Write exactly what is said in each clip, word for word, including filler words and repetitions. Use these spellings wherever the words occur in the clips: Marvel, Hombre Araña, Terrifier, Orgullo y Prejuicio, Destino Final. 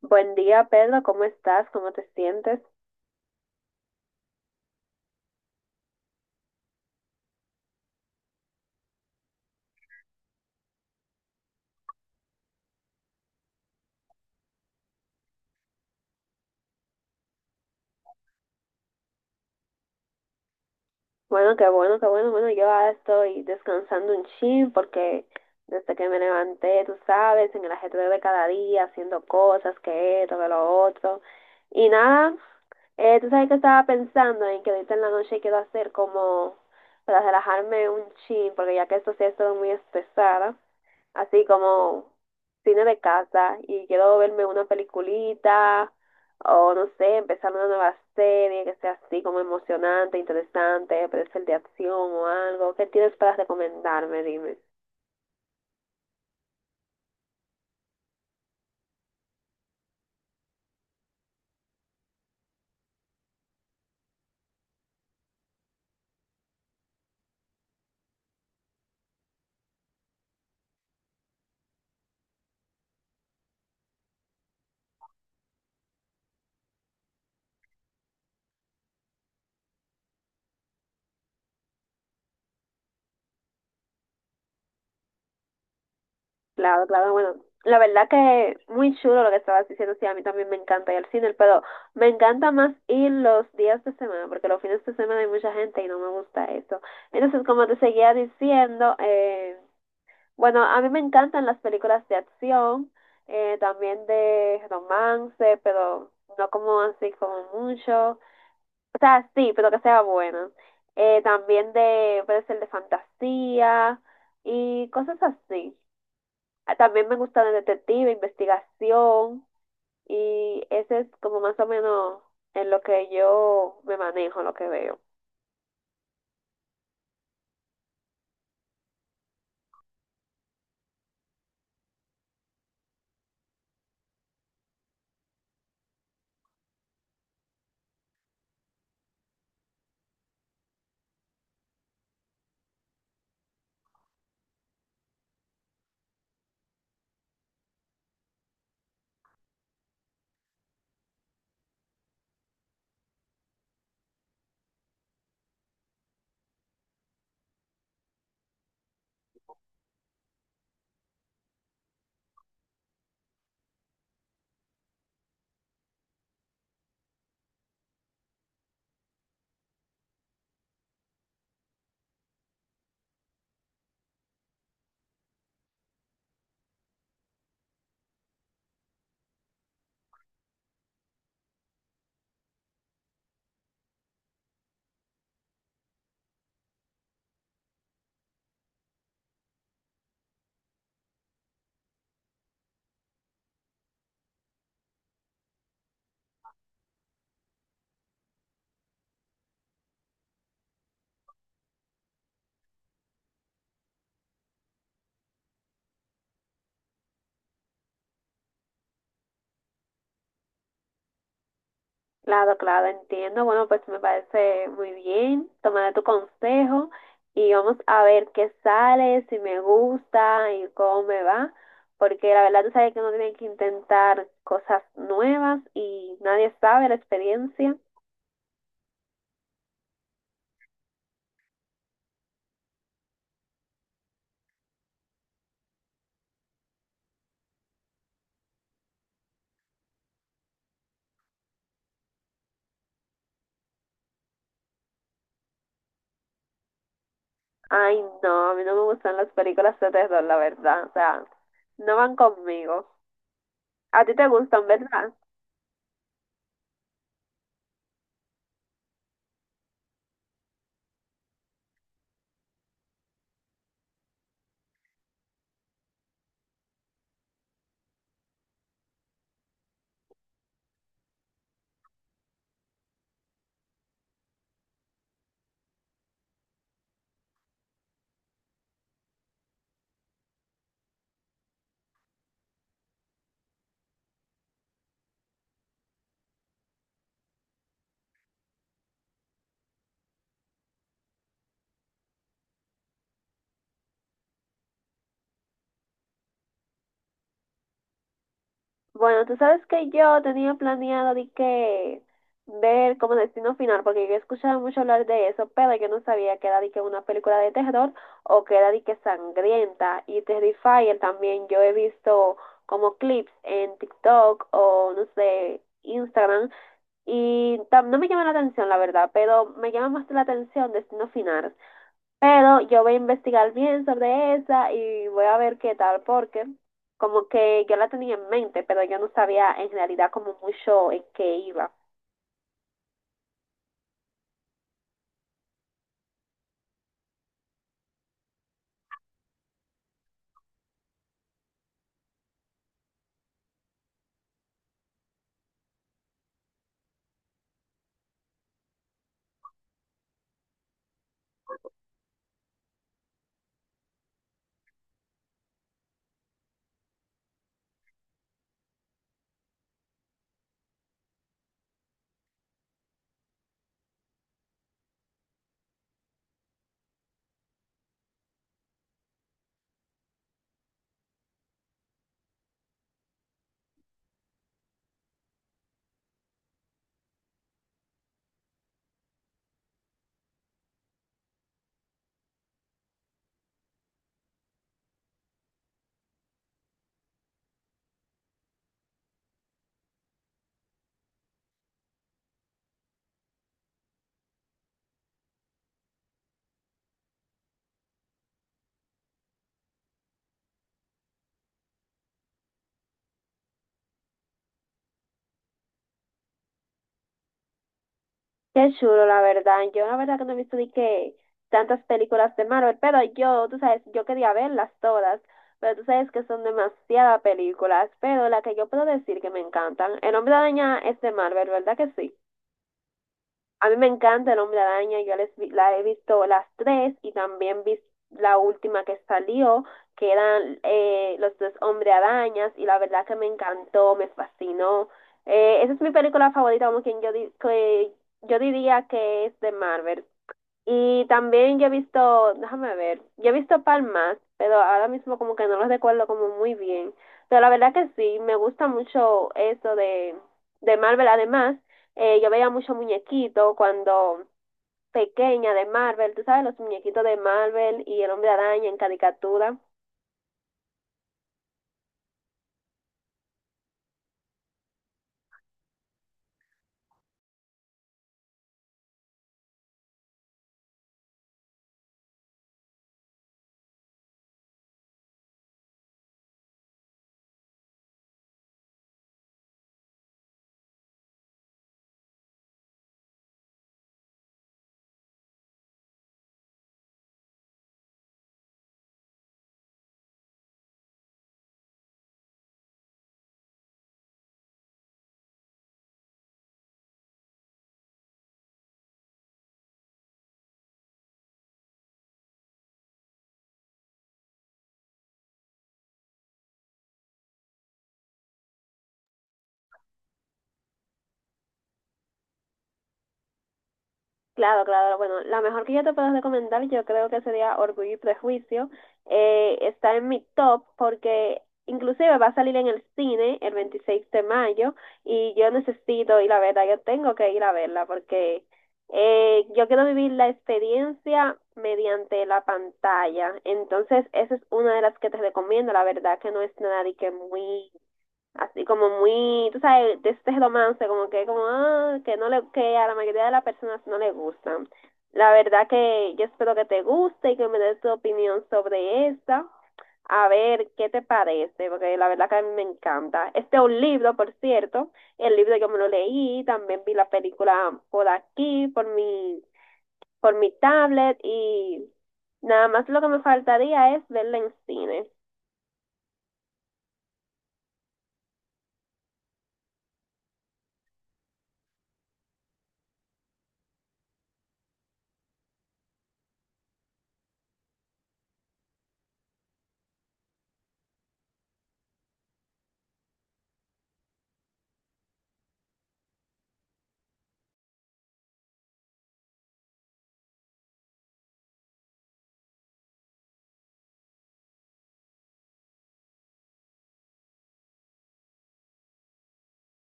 Buen día, Pedro. ¿Cómo estás? ¿Cómo te sientes? Bueno, qué bueno, qué bueno. Bueno, yo ahora estoy descansando un chin porque desde que me levanté, tú sabes, en el ajetreo de cada día, haciendo cosas, que esto, que lo otro. Y nada, eh, tú sabes que estaba pensando en que ahorita en la noche quiero hacer como para relajarme un chin porque ya que esto sí ha estado muy estresada. Así como cine de casa y quiero verme una peliculita o no sé, empezar una nueva serie que sea así como emocionante, interesante, puede ser de acción o algo. ¿Qué tienes para recomendarme? Dime. Claro, claro, bueno. La verdad que muy chulo lo que estabas diciendo, sí, a mí también me encanta ir al cine, pero me encanta más ir los días de semana, porque los fines de semana hay mucha gente y no me gusta eso. Entonces, como te seguía diciendo, eh, bueno, a mí me encantan las películas de acción, eh, también de romance, pero no como así como mucho. O sea, sí, pero que sea buena. Eh, también de, puede ser de fantasía y cosas así. Ah, también me gusta de detective, investigación, y ese es como más o menos en lo que yo me manejo, lo que veo. Claro, claro, entiendo. Bueno, pues me parece muy bien. Tomaré tu consejo y vamos a ver qué sale, si me gusta y cómo me va. Porque la verdad tú sabes que uno tiene que intentar cosas nuevas y nadie sabe la experiencia. Ay, no, a mí no me gustan las películas de terror, la verdad. O sea, no van conmigo. A ti te gustan, ¿verdad? Bueno, tú sabes que yo tenía planeado de que ver como Destino Final, porque yo escuchaba mucho hablar de eso, pero yo no sabía que era de que una película de terror o que era de que sangrienta. Y Terrifier también yo he visto como clips en TikTok o no sé, Instagram. Y tam- no me llama la atención, la verdad, pero me llama más la atención Destino Final. Pero yo voy a investigar bien sobre esa y voy a ver qué tal, porque como que yo la tenía en mente, pero yo no sabía en realidad como mucho en qué iba. Qué chulo, la verdad. Yo la verdad que no he visto ni que tantas películas de Marvel, pero yo, tú sabes, yo quería verlas todas, pero tú sabes que son demasiadas películas, pero la que yo puedo decir que me encantan, El Hombre Araña, es de Marvel, ¿verdad que sí? A mí me encanta el Hombre Araña, yo les vi- la he visto las tres y también vi la última que salió, que eran eh, los dos Hombre Arañas, y la verdad que me encantó, me fascinó. Eh, esa es mi película favorita, como quien yo, di- que yo diría que es de Marvel. Y también yo he visto, déjame ver, yo he visto palmas, pero ahora mismo como que no los recuerdo como muy bien. Pero la verdad que sí, me gusta mucho eso de, de Marvel. Además, eh, yo veía mucho muñequito cuando pequeña de Marvel, tú sabes, los muñequitos de Marvel y el Hombre Araña en caricatura. Claro, claro. Bueno, la mejor que yo te puedo recomendar, yo creo que sería Orgullo y Prejuicio. Eh, está en mi top porque inclusive va a salir en el cine el veintiséis de mayo y yo necesito ir a verla, yo tengo que ir a verla porque eh, yo quiero vivir la experiencia mediante la pantalla. Entonces, esa es una de las que te recomiendo, la verdad que no es nada de que muy así como muy, tú sabes, de este romance, como que como ah, que no le que a la mayoría de las personas no le gustan. La verdad que yo espero que te guste y que me des tu opinión sobre esta. A ver qué te parece, porque la verdad que a mí me encanta. Este es un libro, por cierto. El libro yo me lo leí, también vi la película por aquí, por mi, por mi tablet, y nada más lo que me faltaría es verla en cine.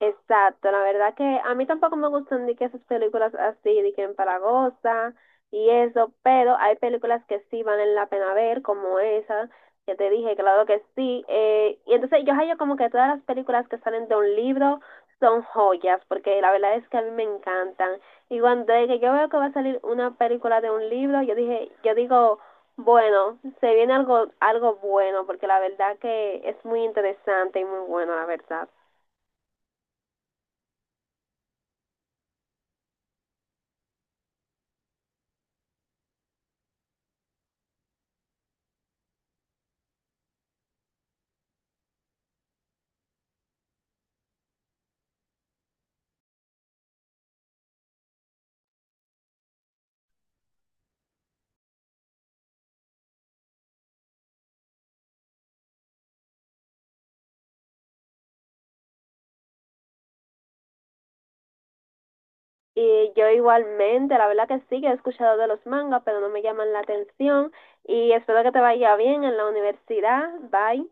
Exacto, la verdad que a mí tampoco me gustan de que esas películas así, de que en Paragosa y eso, pero hay películas que sí valen la pena ver, como esa, que te dije, claro que sí. Eh, y entonces yo hallo como que todas las películas que salen de un libro son joyas, porque la verdad es que a mí me encantan. Y cuando de que yo veo que va a salir una película de un libro, yo dije, yo digo, bueno, se viene algo, algo bueno, porque la verdad que es muy interesante y muy bueno, la verdad. Y yo igualmente, la verdad que sí, que he escuchado de los mangas, pero no me llaman la atención. Y espero que te vaya bien en la universidad. Bye.